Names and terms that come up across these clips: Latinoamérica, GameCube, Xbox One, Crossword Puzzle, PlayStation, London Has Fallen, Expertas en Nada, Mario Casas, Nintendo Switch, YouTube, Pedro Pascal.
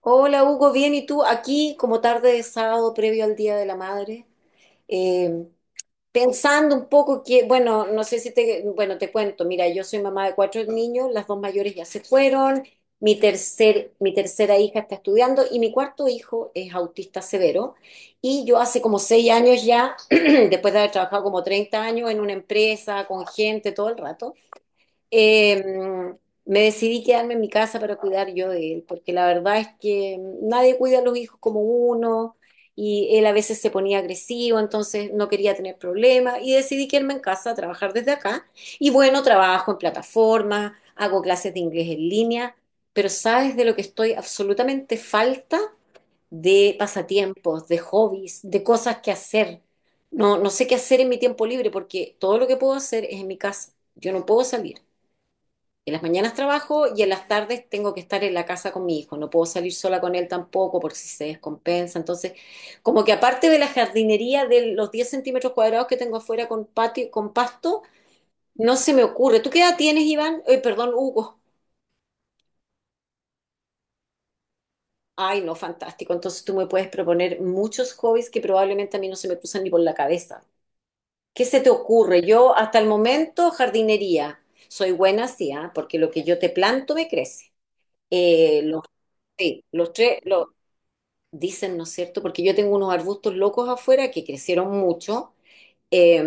Hola Hugo, bien, ¿y tú? Aquí como tarde de sábado previo al Día de la Madre, eh, pensando un poco que, bueno, no sé si te, bueno, te cuento, mira, yo soy mamá de cuatro niños, las dos mayores ya se fueron, mi tercera hija está estudiando y mi cuarto hijo es autista severo y yo hace como 6 años ya, después de haber trabajado como 30 años en una empresa, con gente todo el rato, eh, me decidí quedarme en mi casa para cuidar yo de él, porque la verdad es que nadie cuida a los hijos como uno y él a veces se ponía agresivo, entonces no quería tener problemas y decidí quedarme en casa a trabajar desde acá. Y bueno, trabajo en plataformas, hago clases de inglés en línea, pero ¿sabes de lo que estoy absolutamente falta? De pasatiempos, de hobbies, de cosas que hacer. No, no sé qué hacer en mi tiempo libre porque todo lo que puedo hacer es en mi casa. Yo no puedo salir. En las mañanas trabajo y en las tardes tengo que estar en la casa con mi hijo. No puedo salir sola con él tampoco por si se descompensa. Entonces, como que aparte de la jardinería de los 10 centímetros cuadrados que tengo afuera con patio, con pasto, no se me ocurre. ¿Tú qué edad tienes, Iván? Perdón, Hugo. Ay, no, fantástico. Entonces tú me puedes proponer muchos hobbies que probablemente a mí no se me cruzan ni por la cabeza. ¿Qué se te ocurre? Yo hasta el momento jardinería. Soy buena, sí, ¿ah? Porque lo que yo te planto me crece. Eh, los, sí, los tres, dicen, ¿no es cierto? Porque yo tengo unos arbustos locos afuera que crecieron mucho, eh,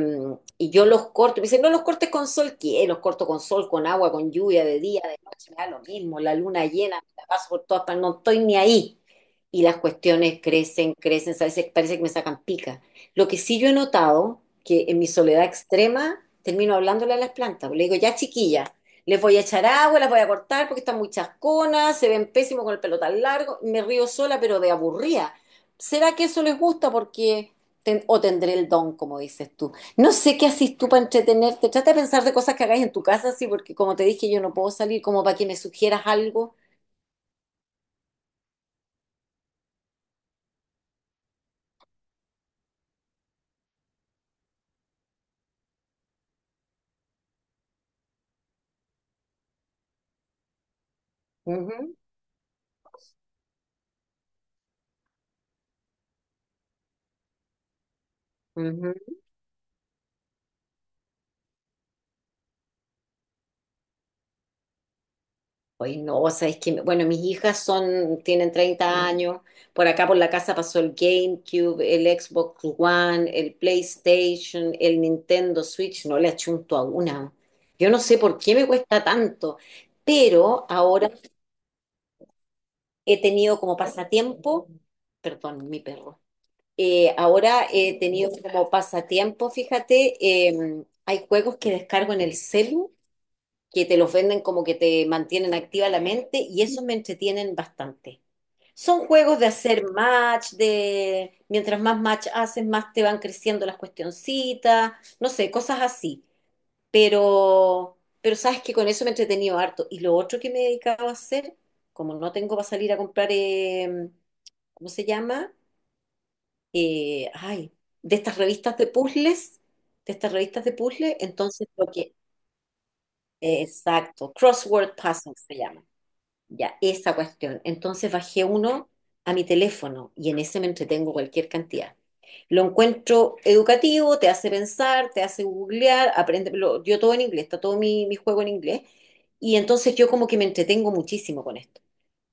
y yo los corto, me dicen, no los cortes con sol, ¿qué? Los corto con sol, con agua, con lluvia, de día, de noche, me da lo mismo, la luna llena, me la paso por todas partes, no estoy ni ahí. Y las cuestiones crecen, crecen, a veces parece que me sacan pica. Lo que sí yo he notado, que en mi soledad extrema, termino hablándole a las plantas, le digo, ya chiquilla, les voy a echar agua, las voy a cortar porque están muy chasconas, se ven pésimos con el pelo tan largo, me río sola, pero de aburrida. ¿Será que eso les gusta? Porque ten- o tendré el don, como dices tú. No sé qué haces tú para entretenerte. Trata de pensar de cosas que hagáis en tu casa, sí, porque como te dije, yo no puedo salir, como para que me sugieras algo. Ujú, ujú. Oye, no, o sea, es que, bueno, mis hijas son, tienen 30 años. Por acá por la casa pasó el GameCube, el Xbox One, el PlayStation, el Nintendo Switch. No le achunto a una. Yo no sé por qué me cuesta tanto, pero ahora he tenido como pasatiempo, perdón, mi perro. Ahora he tenido como pasatiempo, fíjate, hay juegos que descargo en el celu, que te los venden como que te mantienen activa la mente y esos me entretienen bastante. Son juegos de hacer match, de mientras más match haces, más te van creciendo las cuestioncitas, no sé, cosas así. Pero sabes que con eso me he entretenido harto. Y lo otro que me he dedicado a hacer, como no tengo para salir a comprar, ¿cómo se llama? Ay, de estas revistas de puzzles, de estas revistas de puzzles, entonces lo que, exacto, Crossword Puzzle se llama, ya, esa cuestión. Entonces bajé uno a mi teléfono y en ese me entretengo cualquier cantidad. Lo encuentro educativo, te hace pensar, te hace googlear, aprende, lo- yo todo en inglés, está todo mi juego en inglés, y entonces yo como que me entretengo muchísimo con esto,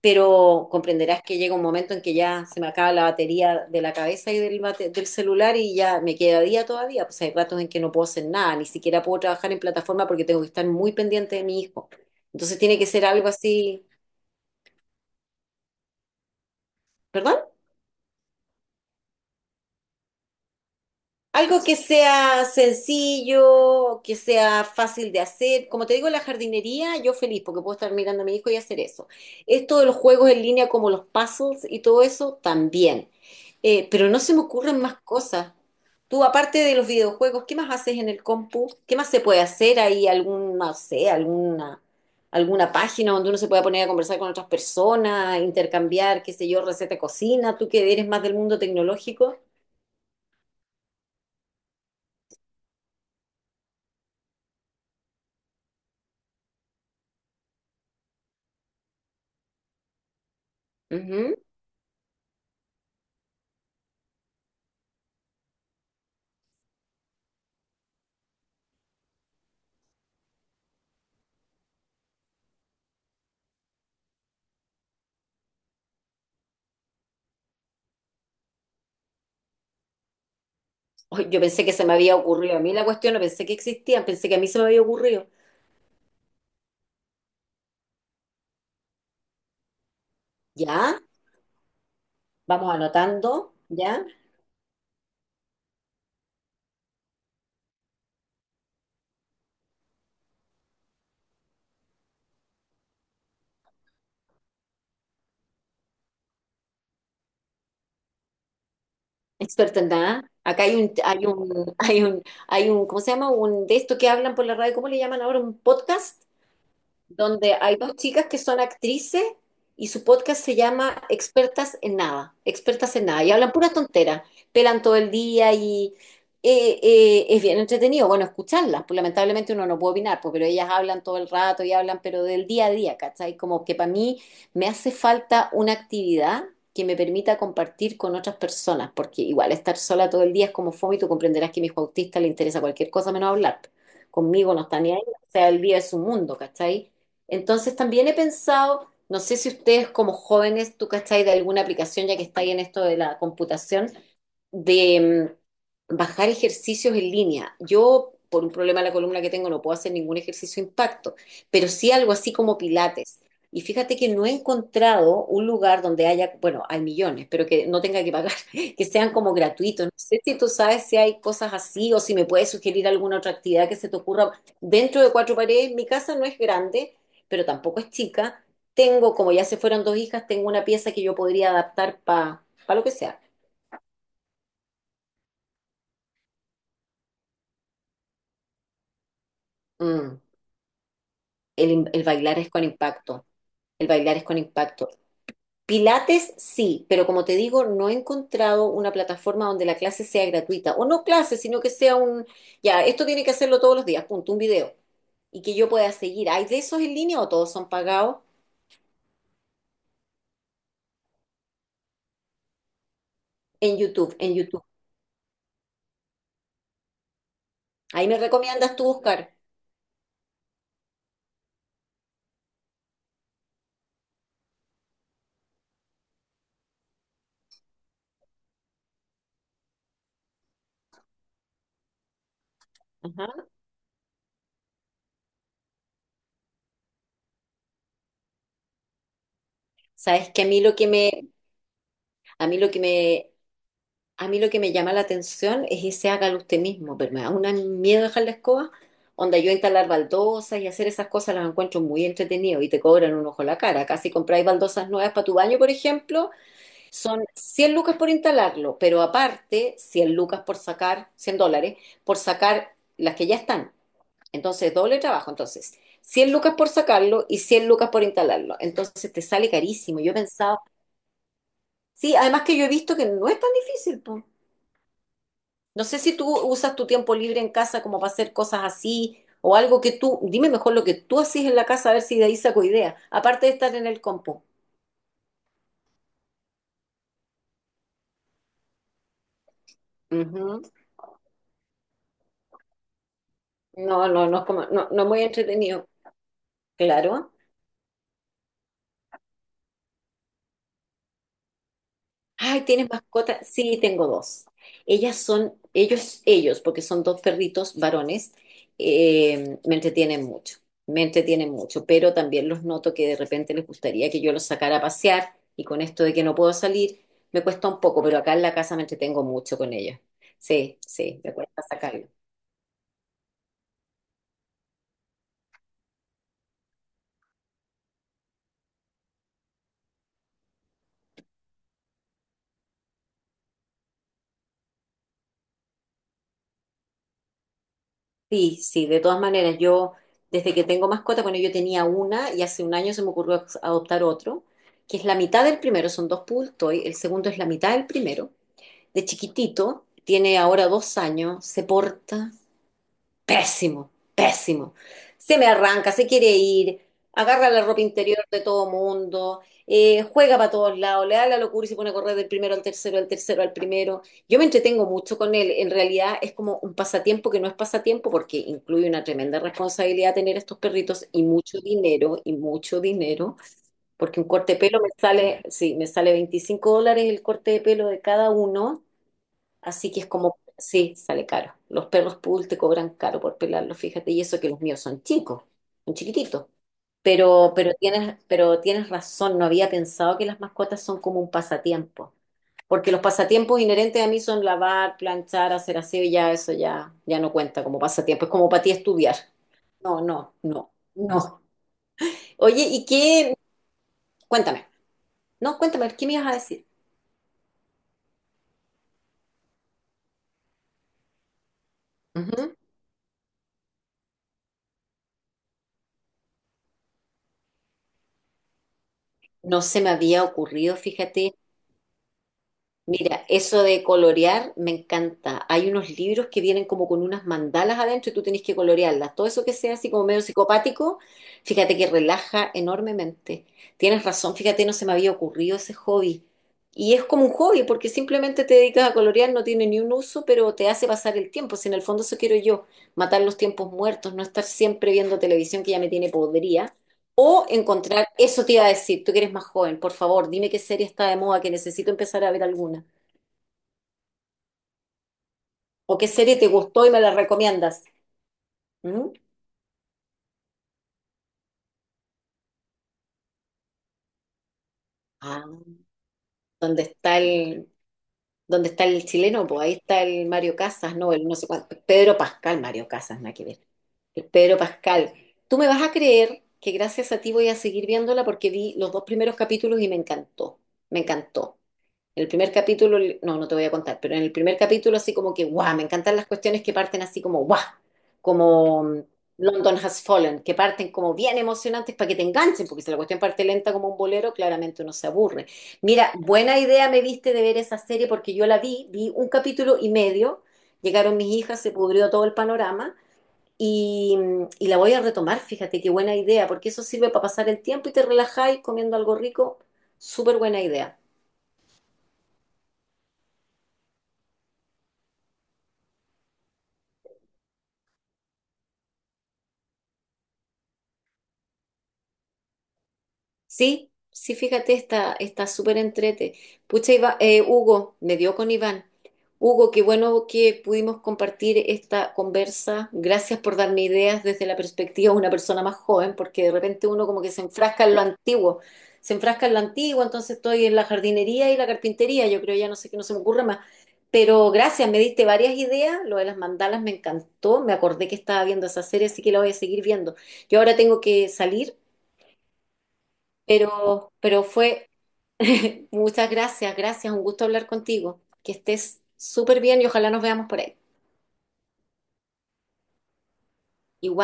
pero comprenderás que llega un momento en que ya se me acaba la batería de la cabeza y del celular y ya me queda día todavía. Pues hay ratos en que no puedo hacer nada, ni siquiera puedo trabajar en plataforma porque tengo que estar muy pendiente de mi hijo. Entonces tiene que ser algo así. ¿Perdón? Algo que sea sencillo, que sea fácil de hacer. Como te digo, la jardinería, yo feliz porque puedo estar mirando a mi hijo y hacer eso. Esto de los juegos en línea como los puzzles y todo eso, también. Pero no se me ocurren más cosas. Tú, aparte de los videojuegos, ¿qué más haces en el compu? ¿Qué más se puede hacer ahí? No sé, alguna página donde uno se pueda poner a conversar con otras personas, intercambiar, qué sé yo, receta de cocina. Tú que eres más del mundo tecnológico. Ay, yo pensé que se me había ocurrido a mí la cuestión, no pensé que existían, pensé que a mí se me había ocurrido. Ya, vamos anotando, ya, experto en nada. Acá ¿cómo se llama? Un de esto que hablan por la radio, ¿cómo le llaman ahora? ¿Un podcast? Donde hay dos chicas que son actrices y su podcast se llama Expertas en Nada, y hablan puras tonteras, pelan todo el día y es bien entretenido, bueno, escucharlas, pues lamentablemente uno no puede opinar, pues, pero ellas hablan todo el rato y hablan, pero del día a día, ¿cachai? Como que para mí me hace falta una actividad que me permita compartir con otras personas, porque igual estar sola todo el día es como fome y tú comprenderás que a mi hijo autista le interesa cualquier cosa menos hablar. Conmigo no está ni ahí, o sea, él vive su mundo, ¿cachai? Entonces también he pensado, no sé si ustedes como jóvenes, tú cachai de alguna aplicación ya que estáis en esto de la computación, de bajar ejercicios en línea. Yo, por un problema de la columna que tengo, no puedo hacer ningún ejercicio de impacto, pero sí algo así como pilates. Y fíjate que no he encontrado un lugar donde haya, bueno, hay millones, pero que no tenga que pagar, que sean como gratuitos. No sé si tú sabes si hay cosas así o si me puedes sugerir alguna otra actividad que se te ocurra dentro de cuatro paredes. Mi casa no es grande, pero tampoco es chica. Tengo, como ya se fueron dos hijas, tengo una pieza que yo podría adaptar para lo que sea. Mm. El bailar es con impacto, el bailar es con impacto. Pilates sí, pero como te digo, no he encontrado una plataforma donde la clase sea gratuita, o no clase, sino que sea un, ya, esto tiene que hacerlo todos los días, punto, un video, y que yo pueda seguir. ¿Hay de esos en línea o todos son pagados? En YouTube, en YouTube. Ahí me recomiendas tú buscar. Ajá. Sabes que a mí lo que me, a mí lo que me a mí lo que me llama la atención es ese hágalo usted mismo, pero me da un miedo dejar la escoba. Onda, yo instalar baldosas y hacer esas cosas las encuentro muy entretenido y te cobran un ojo la cara. Casi compráis baldosas nuevas para tu baño, por ejemplo, son 100 lucas por instalarlo, pero aparte 100 lucas por sacar, $100, por sacar las que ya están. Entonces, doble trabajo. Entonces, 100 lucas por sacarlo y 100 lucas por instalarlo. Entonces, te sale carísimo. Yo he pensado, sí, además que yo he visto que no es tan difícil, po. No sé si tú usas tu tiempo libre en casa como para hacer cosas así o algo que tú, dime mejor lo que tú haces en la casa a ver si de ahí saco idea, aparte de estar en el compu. Ujú. No, no, no es como, no, no es muy entretenido, claro. Ay, ¿tienes mascota? Sí, tengo dos. Ellas son, ellos, porque son dos perritos varones, me entretienen mucho, pero también los noto que de repente les gustaría que yo los sacara a pasear y con esto de que no puedo salir, me cuesta un poco, pero acá en la casa me entretengo mucho con ellos. Sí, sí, me cuesta sacarlos. Sí, sí, de todas maneras, yo desde que tengo mascota, bueno, yo tenía una y hace un año se me ocurrió adoptar otro, que es la mitad del primero, son dos poodle toy, el segundo es la mitad del primero, de chiquitito, tiene ahora 2 años, se porta pésimo, pésimo. Se me arranca, se quiere ir, agarra la ropa interior de todo mundo, juega para todos lados, le da la locura y se pone a correr del primero al tercero, del tercero al primero. Yo me entretengo mucho con él. En realidad es como un pasatiempo que no es pasatiempo porque incluye una tremenda responsabilidad tener estos perritos y mucho dinero, porque un corte de pelo me sale, sí, me sale $25 el corte de pelo de cada uno. Así que es como, sí, sale caro. Los perros poodle te cobran caro por pelarlos, fíjate, y eso que los míos son chicos, son chiquititos. Pero tienes razón, no había pensado que las mascotas son como un pasatiempo, porque los pasatiempos inherentes a mí son lavar, planchar, hacer aseo, y ya eso ya, ya no cuenta como pasatiempo, es como para ti estudiar. No, no, no, no. Oye, ¿y qué? Cuéntame, no, cuéntame, ¿qué me ibas a decir? Ujú. No se me había ocurrido, fíjate. Mira, eso de colorear me encanta. Hay unos libros que vienen como con unas mandalas adentro y tú tenés que colorearlas. Todo eso que sea así como medio psicopático, fíjate que relaja enormemente. Tienes razón, fíjate, no se me había ocurrido ese hobby. Y es como un hobby porque simplemente te dedicas a colorear, no tiene ni un uso, pero te hace pasar el tiempo. Si en el fondo eso quiero yo, matar los tiempos muertos, no estar siempre viendo televisión que ya me tiene podrida. O encontrar, eso te iba a decir, tú que eres más joven, por favor, dime qué serie está de moda, que necesito empezar a ver alguna. ¿O qué serie te gustó y me la recomiendas? ¿Mm? Ah, ¿Dónde está el, dónde está el chileno? Pues ahí está el Mario Casas, no, el no sé cuánto, Pedro Pascal, Mario Casas, nada que ver. El Pedro Pascal. Tú me vas a creer que gracias a ti voy a seguir viéndola porque vi los dos primeros capítulos y me encantó, me encantó. El primer capítulo, no, no te voy a contar, pero en el primer capítulo así como que, guau, me encantan las cuestiones que parten así como, guau, como London Has Fallen, que parten como bien emocionantes para que te enganchen, porque si la cuestión parte lenta como un bolero, claramente uno se aburre. Mira, buena idea me viste de ver esa serie porque yo la vi, un capítulo y medio, llegaron mis hijas, se pudrió todo el panorama. Y, y la voy a retomar, fíjate qué buena idea, porque eso sirve para pasar el tiempo y te relajáis comiendo algo rico. Súper buena idea. Sí, sí, fíjate, está súper entrete. Pucha, Hugo, me dio con Iván. Hugo, qué bueno que pudimos compartir esta conversa. Gracias por darme ideas desde la perspectiva de una persona más joven, porque de repente uno como que se enfrasca en lo antiguo. Se enfrasca en lo antiguo, entonces estoy en la jardinería y la carpintería. Yo creo ya no sé qué no se me ocurre más. Pero gracias, me diste varias ideas. Lo de las mandalas me encantó. Me acordé que estaba viendo esa serie, así que la voy a seguir viendo. Yo ahora tengo que salir. Pero, pero fue, muchas gracias, gracias, un gusto hablar contigo. Que estés súper bien y ojalá nos veamos por ahí.